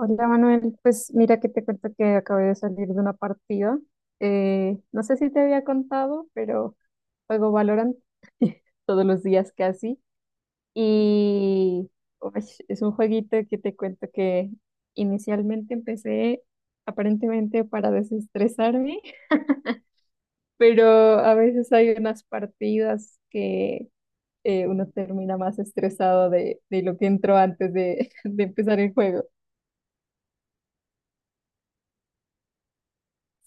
Hola Manuel, pues mira que te cuento que acabé de salir de una partida. No sé si te había contado, pero juego Valorant todos los días casi. Y uy, es un jueguito que te cuento que inicialmente empecé aparentemente para desestresarme, pero a veces hay unas partidas que uno termina más estresado de lo que entró antes de, de empezar el juego.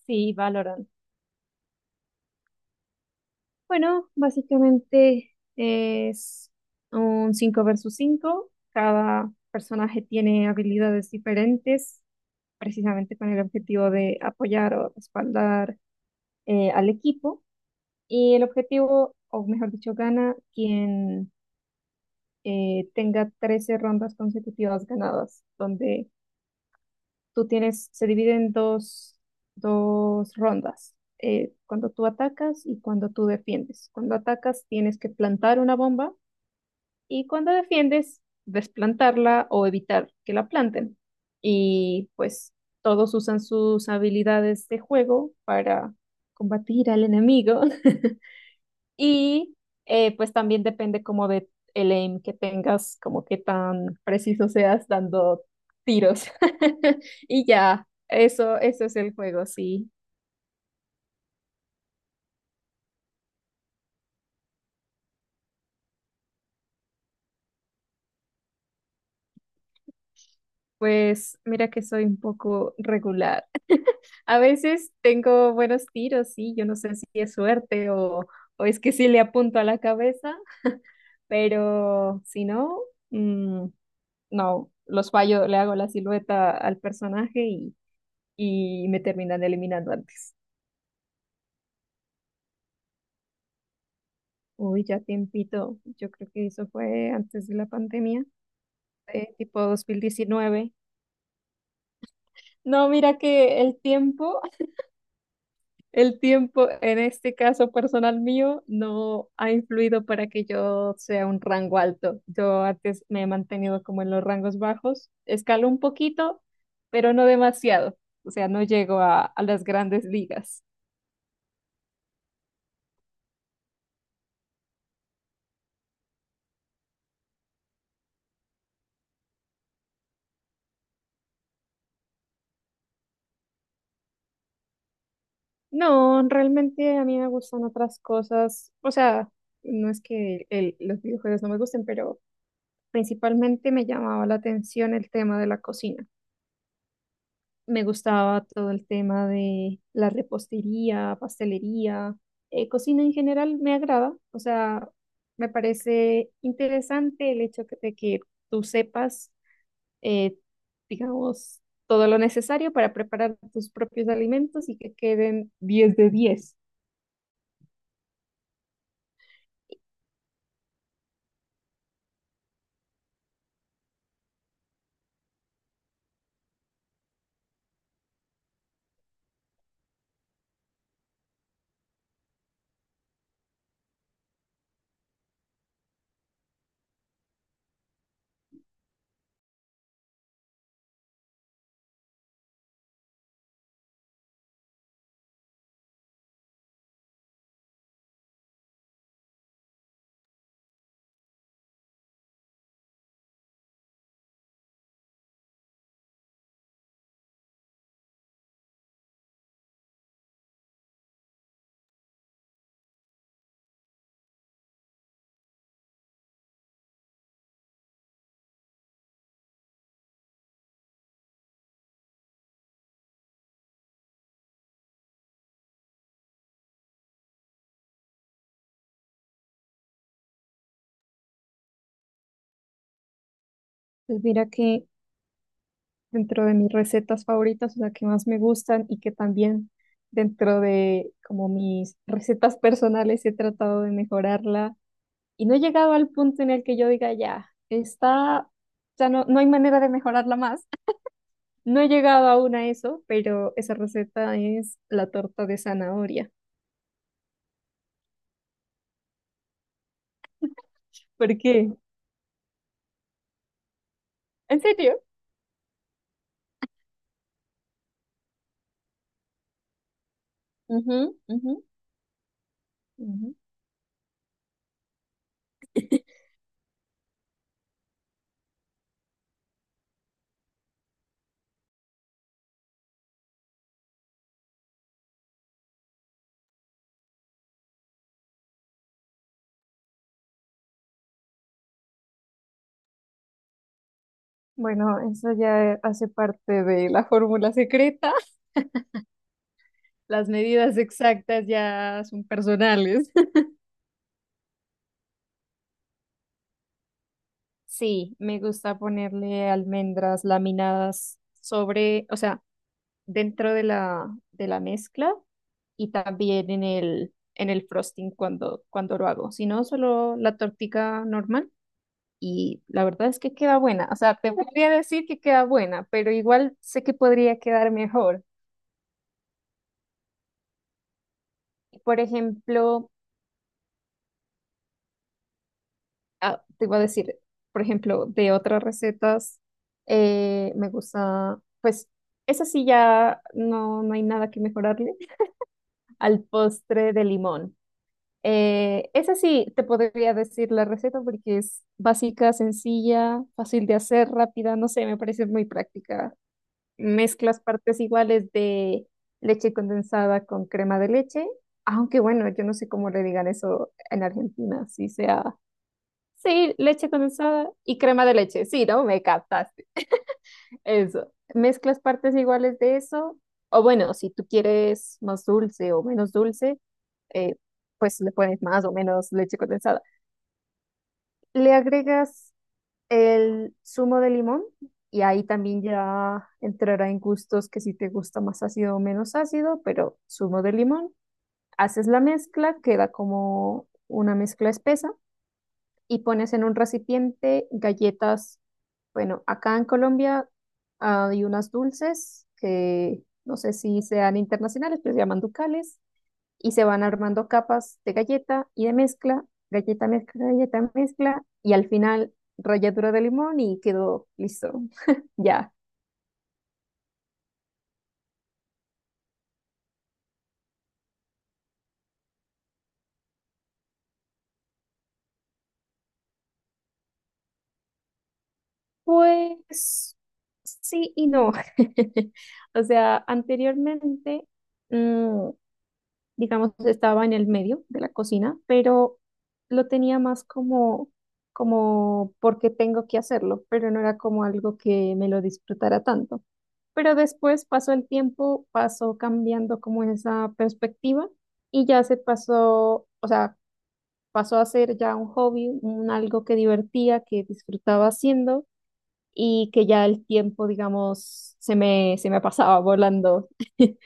Sí, Valorant. Bueno, básicamente es un 5 versus 5. Cada personaje tiene habilidades diferentes, precisamente con el objetivo de apoyar o respaldar al equipo. Y el objetivo, o mejor dicho, gana quien tenga 13 rondas consecutivas ganadas, donde tú tienes, se divide en dos, dos rondas cuando tú atacas y cuando tú defiendes. Cuando atacas tienes que plantar una bomba y cuando defiendes, desplantarla o evitar que la planten. Y pues todos usan sus habilidades de juego para combatir al enemigo. Y pues también depende como de el aim que tengas, como qué tan preciso seas dando tiros. Y ya, eso es el juego, sí. Pues mira que soy un poco regular. A veces tengo buenos tiros, sí, yo no sé si es suerte o es que sí le apunto a la cabeza, pero si no, mm, no, los fallo, le hago la silueta al personaje y me terminan eliminando antes. Uy, ya tiempito, yo creo que eso fue antes de la pandemia, tipo 2019. No, mira que el tiempo, en este caso personal mío, no ha influido para que yo sea un rango alto. Yo antes me he mantenido como en los rangos bajos. Escalo un poquito, pero no demasiado. O sea, no llego a las grandes ligas. No, realmente a mí me gustan otras cosas. O sea, no es que los videojuegos no me gusten, pero principalmente me llamaba la atención el tema de la cocina. Me gustaba todo el tema de la repostería, pastelería, cocina en general me agrada. O sea, me parece interesante el hecho de que tú sepas, eh, digamos, todo lo necesario para preparar tus propios alimentos y que queden 10 de 10. Pues mira que dentro de mis recetas favoritas, o sea, que más me gustan y que también dentro de como mis recetas personales he tratado de mejorarla y no he llegado al punto en el que yo diga ya, está, ya no hay manera de mejorarla más. No he llegado aún a eso, pero esa receta es la torta de zanahoria. ¿Por qué? ¿En serio? Ujú, ujú, ujú. Bueno, eso ya hace parte de la fórmula secreta. Las medidas exactas ya son personales. Sí, me gusta ponerle almendras laminadas sobre, o sea, dentro de la mezcla y también en el frosting cuando lo hago. Si no, solo la tortica normal y la verdad es que queda buena. O sea, te podría decir que queda buena, pero igual sé que podría quedar mejor. Por ejemplo, ah, te iba a decir, por ejemplo, de otras recetas, me gusta, pues, esa sí ya no hay nada que mejorarle al postre de limón. Esa sí te podría decir la receta porque es básica, sencilla, fácil de hacer, rápida, no sé, me parece muy práctica. Mezclas partes iguales de leche condensada con crema de leche, aunque bueno, yo no sé cómo le digan eso en Argentina, si sea. Sí, leche condensada y crema de leche. Sí, ¿no? Me captaste. Eso. Mezclas partes iguales de eso. O bueno, si tú quieres más dulce o menos dulce, eh, pues le pones más o menos leche condensada. Le agregas el zumo de limón y ahí también ya entrará en gustos que si te gusta más ácido o menos ácido, pero zumo de limón. Haces la mezcla, queda como una mezcla espesa y pones en un recipiente galletas. Bueno, acá en Colombia hay unas dulces que no sé si sean internacionales, pero se llaman ducales y se van armando capas de galleta y de mezcla, galleta, mezcla, galleta, mezcla y al final ralladura de limón y quedó listo. Ya. Pues sí y no. O sea, anteriormente... mm, digamos, estaba en el medio de la cocina, pero lo tenía más como porque tengo que hacerlo, pero no era como algo que me lo disfrutara tanto. Pero después pasó el tiempo, pasó cambiando como esa perspectiva y ya se pasó, o sea, pasó a ser ya un hobby, un algo que divertía, que disfrutaba haciendo y que ya el tiempo, digamos, se me pasaba volando.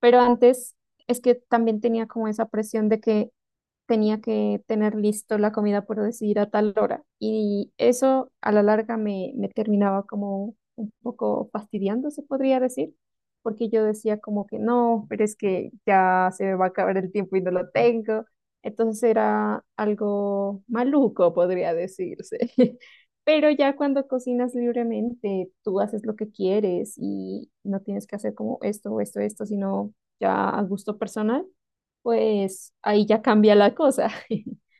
Pero antes es que también tenía como esa presión de que tenía que tener listo la comida, por decir, a tal hora. Y eso a la larga me terminaba como un poco fastidiando, se podría decir, porque yo decía como que no, pero es que ya se me va a acabar el tiempo y no lo tengo. Entonces era algo maluco, podría decirse. Pero ya cuando cocinas libremente, tú haces lo que quieres y no tienes que hacer como esto o esto, esto, sino ya a gusto personal pues ahí ya cambia la cosa.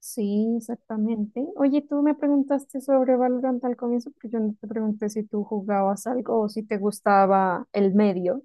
Sí, exactamente. Oye, tú me preguntaste sobre Valorant al comienzo, pero yo no te pregunté si tú jugabas algo o si te gustaba el medio.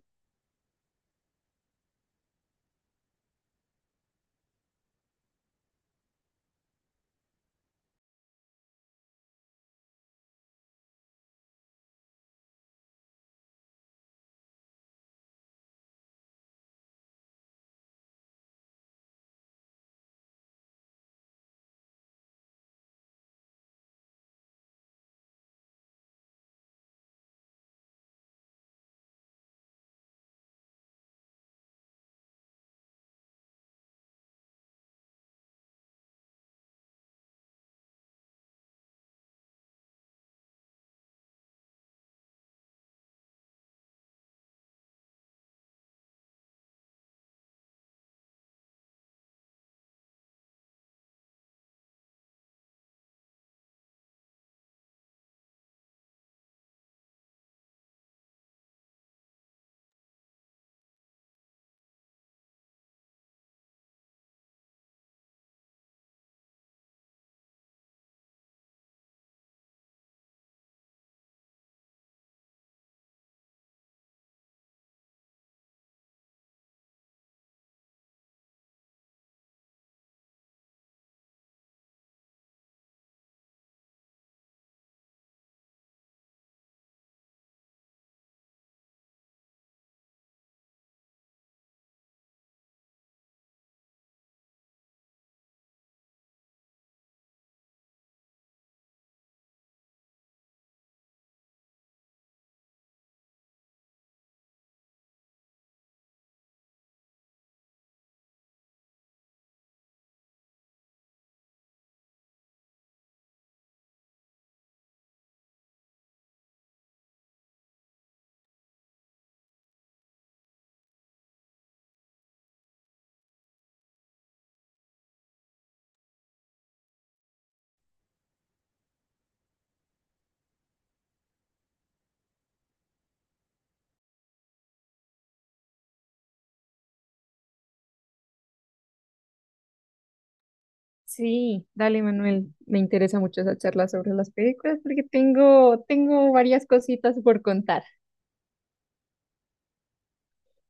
Sí, dale, Manuel. Me interesa mucho esa charla sobre las películas porque tengo varias cositas por contar.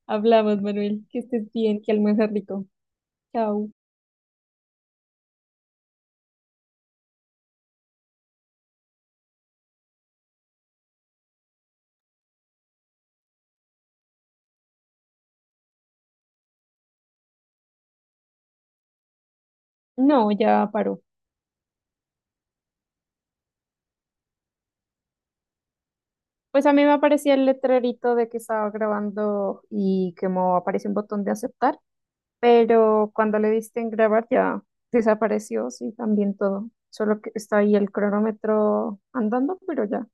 Hablamos, Manuel. Que estés bien, que almuerces rico. Chao. No, ya paró. Pues a mí me aparecía el letrerito de que estaba grabando y que me aparece un botón de aceptar. Pero cuando le diste en grabar ya desapareció, sí, también todo. Solo que está ahí el cronómetro andando, pero ya.